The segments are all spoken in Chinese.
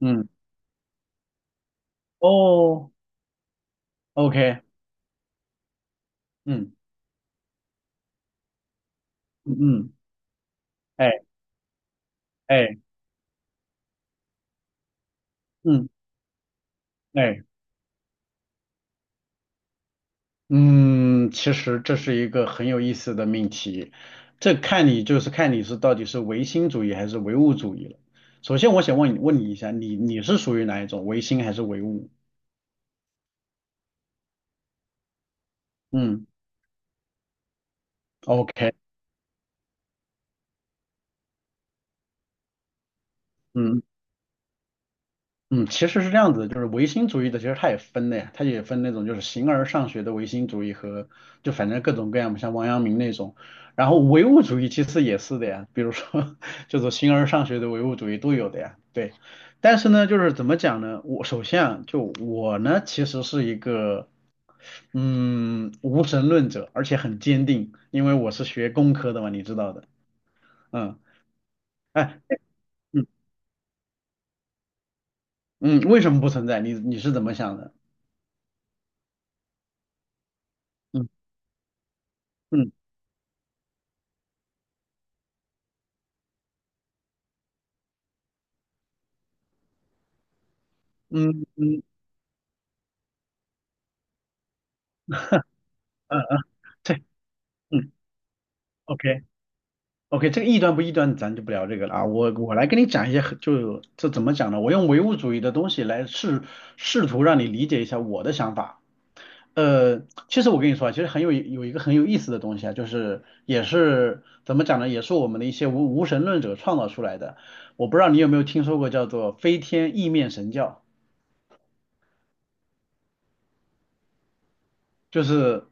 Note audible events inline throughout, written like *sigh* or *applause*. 嗯，哦，OK，嗯嗯嗯，哎哎嗯哎嗯，其实这是一个很有意思的命题。这看你是到底是唯心主义还是唯物主义了。首先，我想问你一下，你是属于哪一种，唯心还是唯物？嗯，OK，嗯嗯，其实是这样子的。就是唯心主义的，其实它也分的呀，它也分那种就是形而上学的唯心主义和就反正各种各样的像王阳明那种。然后唯物主义其实也是的呀，比如说 *laughs* 就是形而上学的唯物主义都有的呀，对。但是呢，就是怎么讲呢？我首先啊，就我呢，其实是一个无神论者，而且很坚定，因为我是学工科的嘛，你知道的。嗯，哎，嗯嗯，为什么不存在？你是怎么想的？嗯嗯嗯嗯。嗯嗯，嗯对，嗯，OK， OK，这个异端不异端，咱就不聊这个了啊。我来跟你讲一些很就这怎么讲呢？我用唯物主义的东西来试图让你理解一下我的想法。呃，其实我跟你说啊，其实很有一个很有意思的东西啊，就是也是怎么讲呢？也是我们的一些无神论者创造出来的。我不知道你有没有听说过叫做飞天意面神教，就是。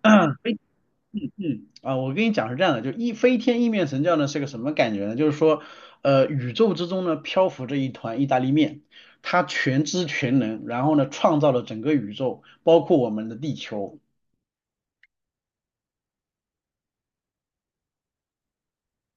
嗯啊，我跟你讲是这样的，就一飞天意面神教呢是个什么感觉呢？就是说，宇宙之中呢漂浮着一团意大利面，它全知全能，然后呢创造了整个宇宙，包括我们的地球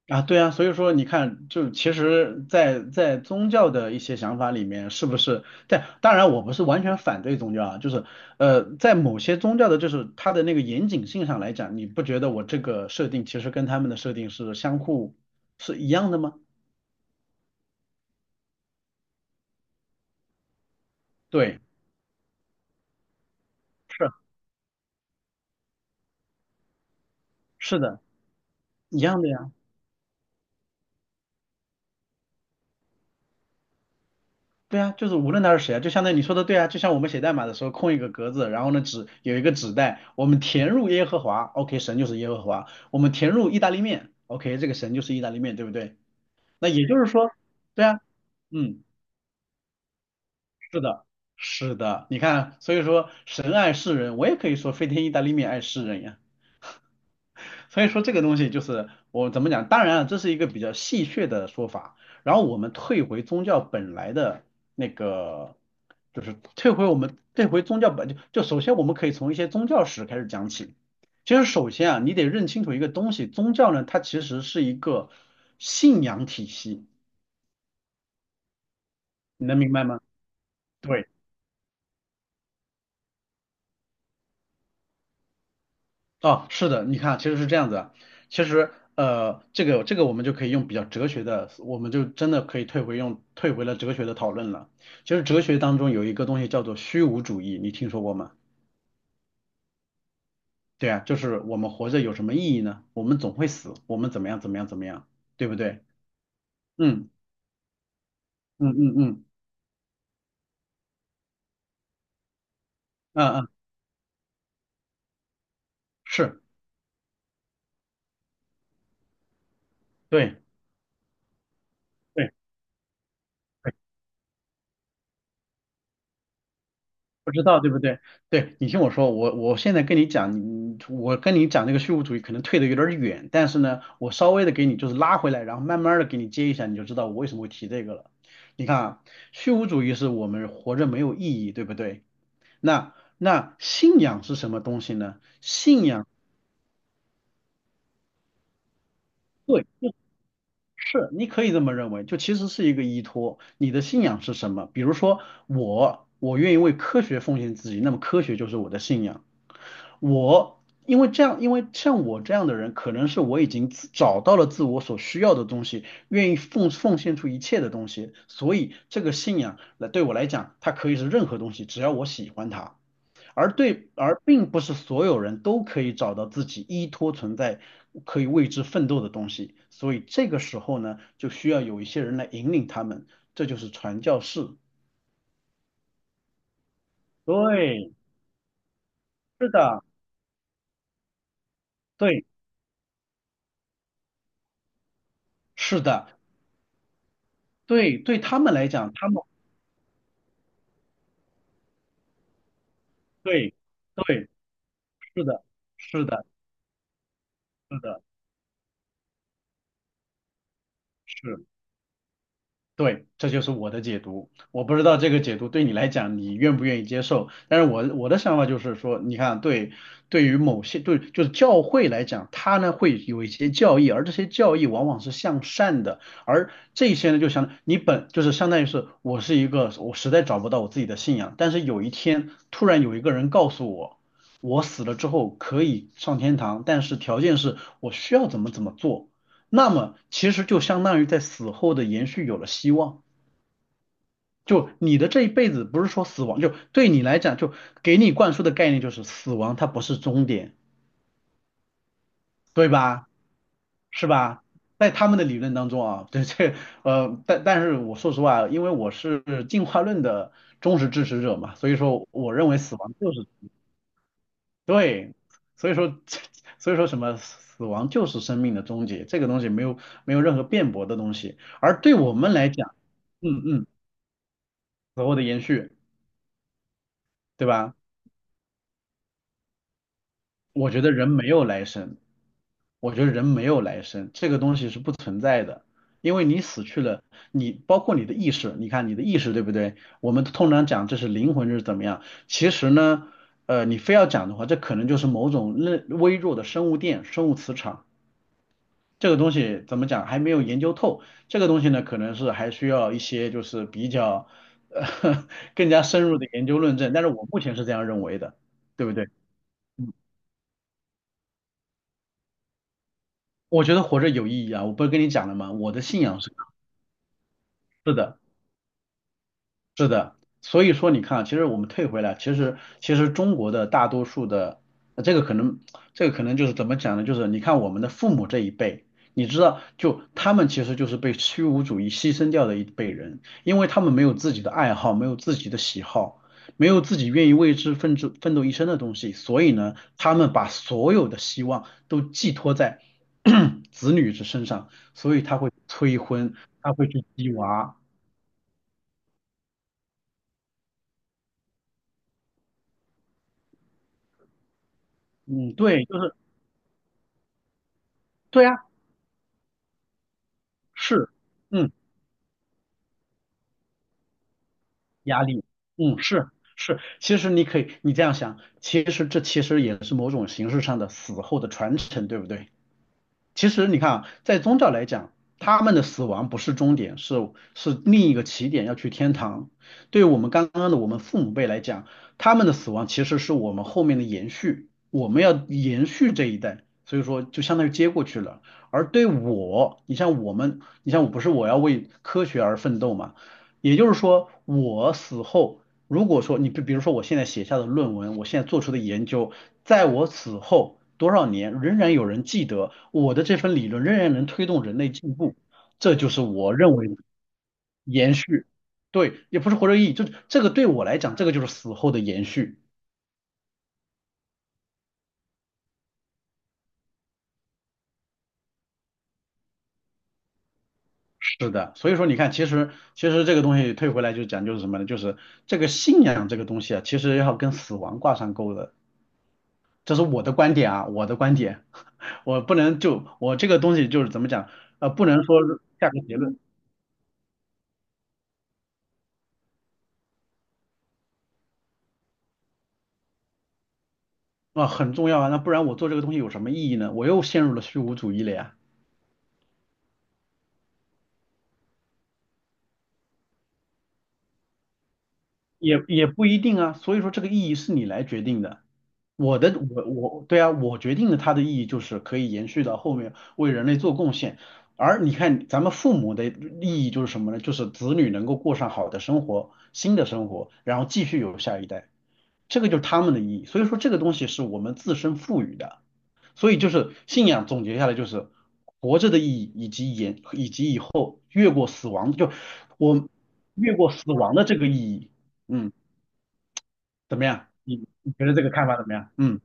啊，对啊，所以说你看，就其实在宗教的一些想法里面，是不是？但当然我不是完全反对宗教啊，就是在某些宗教的，就是它的那个严谨性上来讲，你不觉得我这个设定其实跟他们的设定是相互是一样的吗？对。是是的，一样的呀。对呀，就是无论他是谁啊，就相当于你说的对啊，就像我们写代码的时候空一个格子，然后呢纸有一个纸袋，我们填入耶和华，OK，神就是耶和华，我们填入意大利面，OK，这个神就是意大利面，对不对？那也就是说，对啊，嗯，是的，是的，你看，所以说神爱世人，我也可以说飞天意大利面爱世人呀。所以说这个东西就是我怎么讲，当然啊，这是一个比较戏谑的说法。然后我们退回宗教本来的那个，就是退回我们退回宗教本就首先我们可以从一些宗教史开始讲起。其实首先啊，你得认清楚一个东西，宗教呢它其实是一个信仰体系，你能明白吗？对。哦，是的，你看，其实是这样子啊。其实，这个我们就可以用比较哲学的，我们就真的可以退回用退回了哲学的讨论了。其实哲学当中有一个东西叫做虚无主义，你听说过吗？对啊，就是我们活着有什么意义呢？我们总会死，我们怎么样怎么样怎么样，对不对？嗯嗯嗯嗯嗯嗯，嗯是，对对。对，不知道对不对？对，你听我说，我现在跟你讲，我跟你讲这个虚无主义可能退得有点儿远，但是呢，我稍微的给你就是拉回来，然后慢慢的给你接一下，你就知道我为什么会提这个了。你看啊，虚无主义是我们活着没有意义，对不对？那那信仰是什么东西呢？信仰。对，是，你可以这么认为，就其实是一个依托。你的信仰是什么？比如说我，我愿意为科学奉献自己，那么科学就是我的信仰。我因为这样，因为像我这样的人，可能是我已经自找到了自我所需要的东西，愿意奉献出一切的东西，所以这个信仰来对我来讲，它可以是任何东西，只要我喜欢它。而对，而并不是所有人都可以找到自己依托存在，可以为之奋斗的东西。所以这个时候呢，就需要有一些人来引领他们，这就是传教士。对，是的，对，是的，对，对他们来讲，他们。对对，是的，是的，是的，是。对，这就是我的解读。我不知道这个解读对你来讲，你愿不愿意接受？但是我的想法就是说，你看，对，对于某些对就是教会来讲，它呢会有一些教义，而这些教义往往是向善的，而这些呢就相你本就是相当于是我是一个我实在找不到我自己的信仰，但是有一天突然有一个人告诉我，我死了之后可以上天堂，但是条件是我需要怎么怎么做。那么其实就相当于在死后的延续有了希望。就你的这一辈子不是说死亡，就对你来讲，就给你灌输的概念就是死亡它不是终点，对吧？是吧？在他们的理论当中啊，*laughs* 对这但是我说实话，因为我是进化论的忠实支持者嘛，所以说我认为死亡就是对，所以说 *laughs* 所以说什么死亡就是生命的终结，这个东西没有任何辩驳的东西。而对我们来讲，嗯嗯。死后的延续，对吧？我觉得人没有来生，我觉得人没有来生，这个东西是不存在的，因为你死去了，你包括你的意识，你看你的意识对不对？我们通常讲这是灵魂，这是怎么样？其实呢，你非要讲的话，这可能就是某种微弱的生物电、生物磁场。这个东西怎么讲还没有研究透，这个东西呢，可能是还需要一些就是比较呃 *laughs* 更加深入的研究论证，但是我目前是这样认为的，对不对？我觉得活着有意义啊！我不是跟你讲了吗？我的信仰是是的，是的，所以说你看啊其实我们退回来，其实其实中国的大多数的，呃这个可能这个可能就是怎么讲呢？就是你看我们的父母这一辈，你知道，就他们其实就是被虚无主义牺牲掉的一辈人，因为他们没有自己的爱好，没有自己的喜好，没有自己愿意为之奋斗一生的东西，所以呢，他们把所有的希望都寄托在 *clears throat* 子女之身上，所以他会催婚，他会去鸡娃。嗯，对，就是对啊，是，嗯，压力，嗯，是是，其实你可以，你这样想，其实这其实也是某种形式上的死后的传承，对不对？其实你看啊，在宗教来讲，他们的死亡不是终点，是另一个起点，要去天堂。对于我们刚刚的我们父母辈来讲，他们的死亡其实是我们后面的延续，我们要延续这一代，所以说就相当于接过去了。而对我，你像我们，你像我不是我要为科学而奋斗嘛？也就是说，我死后，如果说你比如说我现在写下的论文，我现在做出的研究，在我死后多少年，仍然有人记得我的这份理论，仍然能推动人类进步，这就是我认为的延续。对，也不是活着意义，就这个对我来讲，这个就是死后的延续。是的，所以说你看，其实其实这个东西退回来就讲就是什么呢？就是这个信仰这个东西啊，其实要跟死亡挂上钩的。这是我的观点啊，我的观点，*laughs* 我不能就我这个东西就是怎么讲，啊，不能说下个结论啊，很重要啊，那不然我做这个东西有什么意义呢？我又陷入了虚无主义了呀，也也不一定啊，所以说这个意义是你来决定的，我的我我对啊，我决定的它的意义就是可以延续到后面为人类做贡献，而你看咱们父母的利益就是什么呢？就是子女能够过上好的生活，新的生活，然后继续有下一代。这个就是他们的意义。所以说这个东西是我们自身赋予的。所以就是信仰总结下来就是活着的意义，以及以及以后越过死亡，就我越过死亡的这个意义。嗯，怎么样？你觉得这个看法怎么样？嗯，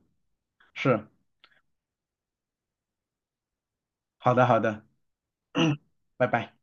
是，好的好的，拜拜。